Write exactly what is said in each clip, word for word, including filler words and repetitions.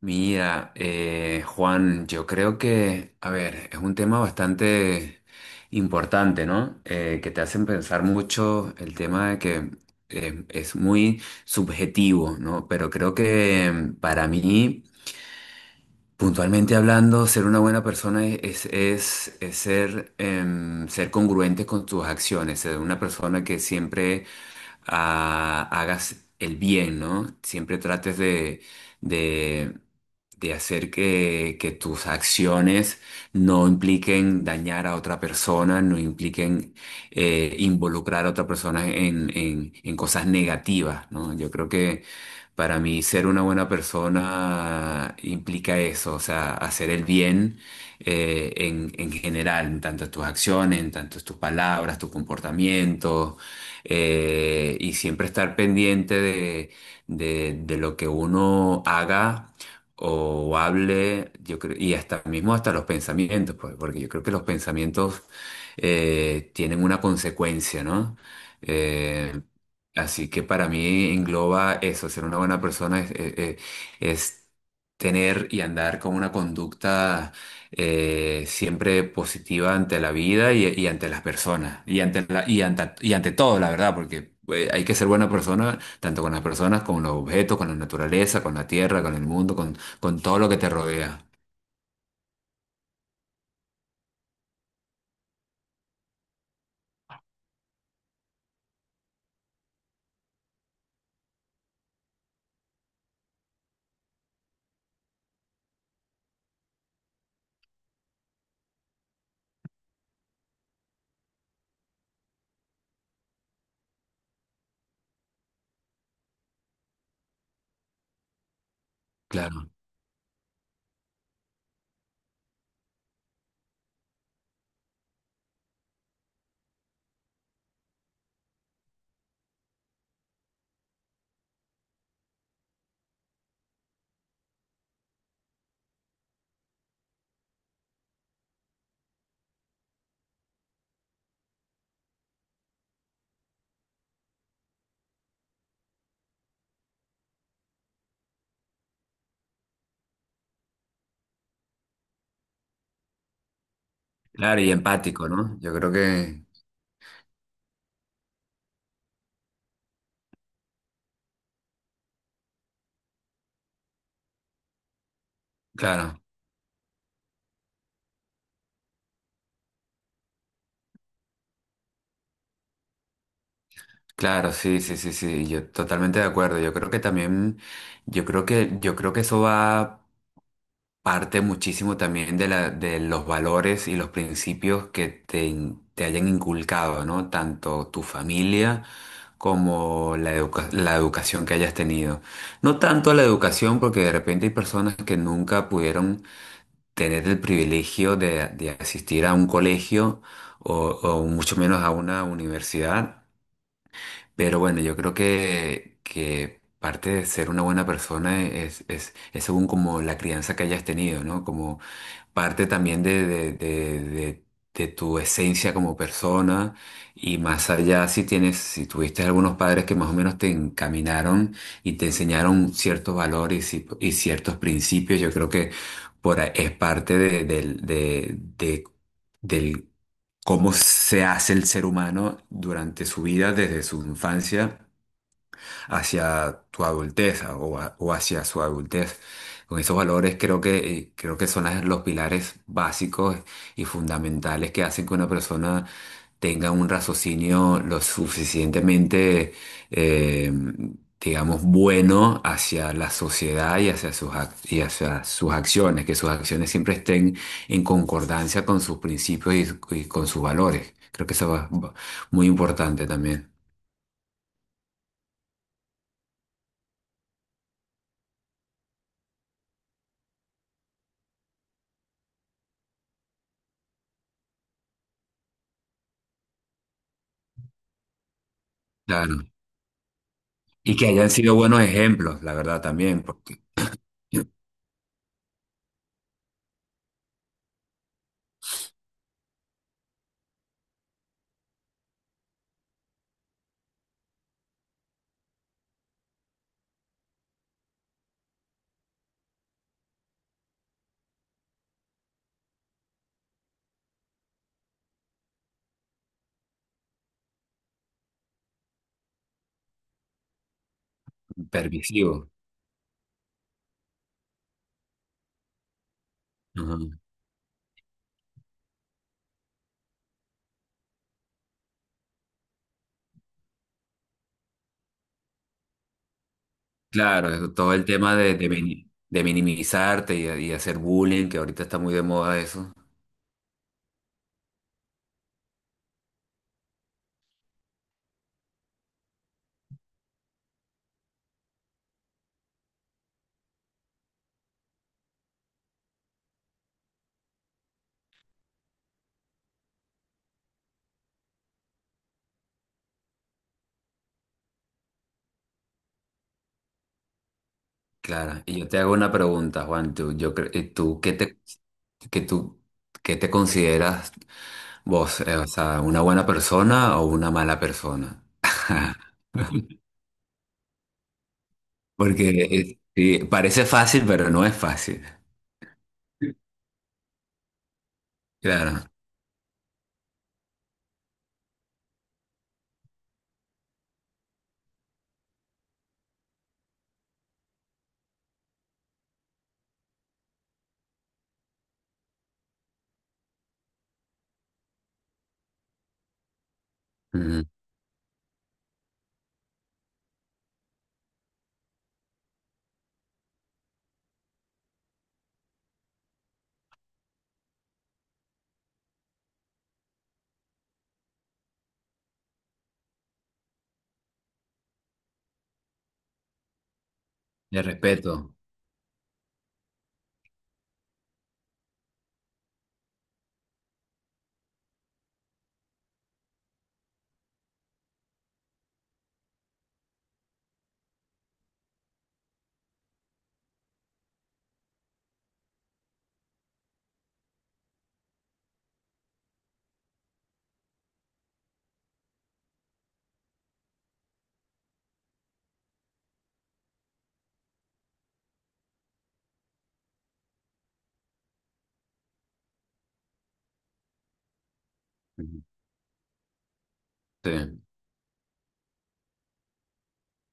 Mira, eh, Juan, yo creo que, a ver, es un tema bastante importante, ¿no? Eh, que te hacen pensar mucho el tema de que eh, es muy subjetivo, ¿no? Pero creo que mm, para mí... Puntualmente hablando, ser una buena persona es, es, es ser, em, ser congruente con tus acciones, ser una persona que siempre ah, hagas el bien, ¿no? Siempre trates de, de, de hacer que, que tus acciones no impliquen dañar a otra persona, no impliquen eh, involucrar a otra persona en, en, en cosas negativas, ¿no? Yo creo que para mí ser una buena persona implica eso, o sea, hacer el bien eh, en, en general, en tanto en tus acciones, en tanto en tus palabras, tu comportamiento, eh, y siempre estar pendiente de, de- de lo que uno haga o hable, yo creo, y hasta mismo hasta los pensamientos, pues, porque yo creo que los pensamientos eh, tienen una consecuencia, ¿no? Eh, Así que para mí engloba eso, ser una buena persona es, eh, eh, es tener y andar con una conducta eh, siempre positiva ante la vida y, y ante las personas y ante la- y ante, y ante todo, la verdad, porque eh, hay que ser buena persona tanto con las personas, con los objetos, con la naturaleza, con la tierra, con el mundo, con, con todo lo que te rodea. Claro, claro, y empático, ¿no? Yo creo que, claro. Claro, sí, sí, sí, sí, yo totalmente de acuerdo. Yo creo que también, yo creo que, yo creo que eso va parte muchísimo también de la, de los valores y los principios que te, in- te hayan inculcado, ¿no? Tanto tu familia como la educa- la educación que hayas tenido. No tanto la educación, porque de repente hay personas que nunca pudieron tener el privilegio de, de asistir a un colegio o, o mucho menos a una universidad. Pero bueno, yo creo que, que parte de ser una buena persona es, es, es según como la crianza que hayas tenido, ¿no? Como parte también de, de, de, de- de tu esencia como persona y más allá si tienes, si tuviste algunos padres que más o menos te encaminaron y te enseñaron ciertos valores y, si, y ciertos principios, yo creo que por, ahí es parte de, del de, de- del- cómo se hace el ser humano durante su vida, desde su infancia hacia tu adultez o, a- o hacia su adultez. Con esos valores creo que, eh, creo que son las- los pilares básicos y fundamentales que hacen que una persona tenga un raciocinio lo suficientemente, eh, digamos, bueno hacia la sociedad y hacia sus, ac- y hacia sus acciones, que sus acciones siempre estén en concordancia con sus principios y, y con sus valores. Creo que eso es muy importante también. Claro. Y que hayan sido buenos ejemplos, la verdad, también, porque permisivos. Ajá. Claro, eso- todo el tema de, de, mini- de minimizarte y, y hacer bullying, que ahorita está muy de moda eso. Claro, y yo te hago una pregunta, Juan, tú, yo, cre- eh, tú, ¿qué te, que tú, qué te consideras vos? Eh, o sea, ¿una buena persona o una mala persona? Porque eh, sí, parece fácil, pero no es fácil. Claro. Ujú. De respeto. Ujú. Sí.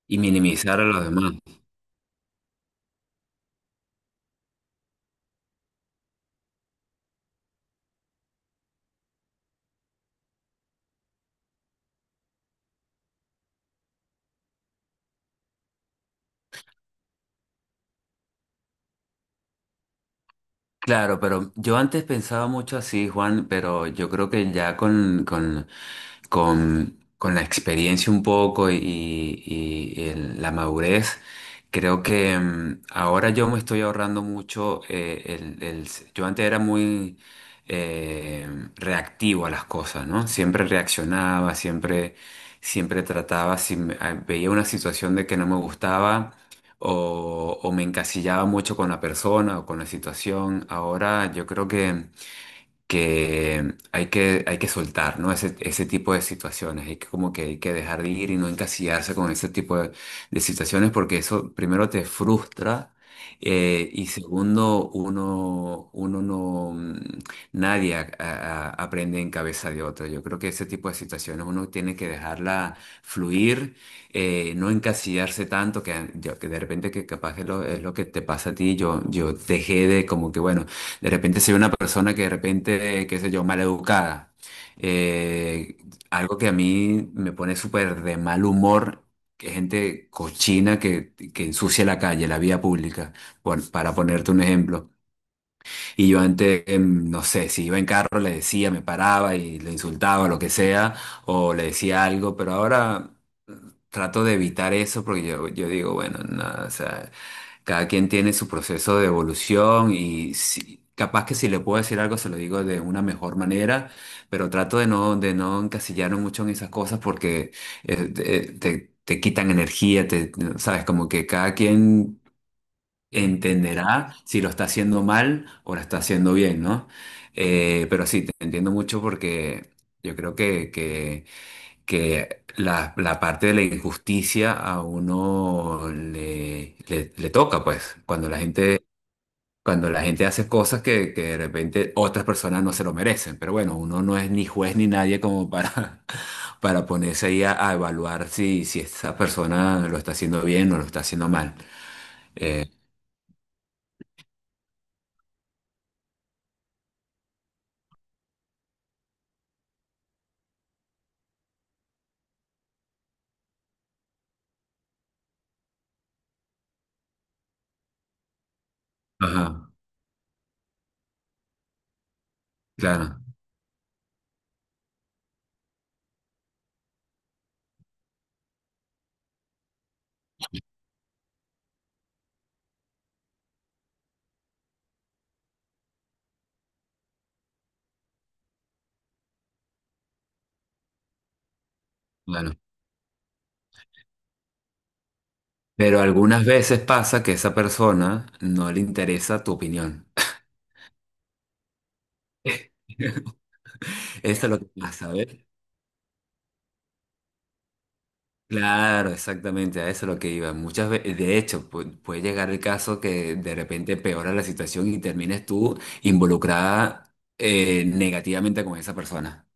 Y minimizar a los demás. Claro, pero yo antes pensaba mucho así, Juan, pero yo creo que ya con, con, con, con la experiencia un poco y, y- y el- la madurez, creo que mm, ahora yo me estoy ahorrando mucho. Eh, el, el- yo antes era muy eh, reactivo a las cosas, ¿no? Siempre reaccionaba, siempre, siempre trataba, si me- ah, veía una situación de que no me gustaba o, o me encasillaba mucho con la persona o con la situación. Ahora yo creo que que hay que, hay que soltar, ¿no? Ese, ese tipo de situaciones, hay que como que hay que dejar de ir y no encasillarse con ese tipo de, de situaciones porque eso primero te frustra eh, y segundo, uno, uno no, mm, nadie a- a- aprende en cabeza de otro. Yo creo que ese tipo de situaciones uno tiene que dejarla fluir, eh, no encasillarse tanto que, yo- que de repente que capaz es lo, es lo que te pasa a ti, yo, yo dejé de como que, bueno, de repente soy una persona que de repente, qué sé yo, maleducada. Eh, algo que a mí me pone súper de mal humor, que gente cochina que, que ensucia la calle, la vía pública, por- para ponerte un ejemplo. Y yo antes, em, no sé, si iba en carro le decía, me paraba y le insultaba, lo que sea, o le decía algo, pero ahora mm, trato de evitar eso porque yo, yo digo, bueno, nada, cada quien tiene su proceso de evolución y si- capaz que si le puedo decir algo se lo digo de una mejor manera, pero trato de no, de no encasillarme mucho en esas cosas porque eh, te, eh, te- te quitan energía, te, sabes, como que cada quien entenderá si lo está haciendo mal o lo está haciendo bien, ¿no? Eh, pero sí, te entiendo mucho porque yo creo que, que que la, la parte de la injusticia a uno le, le- le toca, pues, cuando la gente, cuando la gente hace cosas que, que de repente otras personas no se lo merecen. Pero bueno, uno no es ni juez ni nadie como para, para ponerse ahí a, a evaluar si, si esa persona lo está haciendo bien o lo está haciendo mal. Eh, ajá, claro, claro. Pero algunas veces pasa que a esa persona no le interesa tu opinión. Eso es lo que pasa, ¿ves? Claro, exactamente, a eso es lo que iba. Muchas veces, de hecho, pu- puede llegar el caso que de repente peora la situación y termines tú involucrada eh, negativamente con esa persona,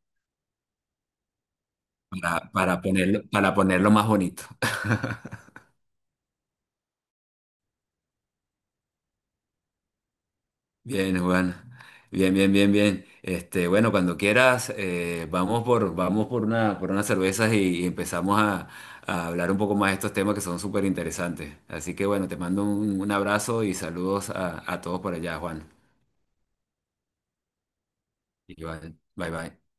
para, para ponerlo, para ponerlo más bonito. Bien, Juan. Bien, bien, bien, bien. Este, bueno, cuando quieras, eh, vamos por, vamos por una, por unas cervezas y, y empezamos a, a hablar un poco más de estos temas que son súper interesantes. Así que bueno, te mando un, un abrazo y saludos a, a todos por allá, Juan. Igual, bye bye.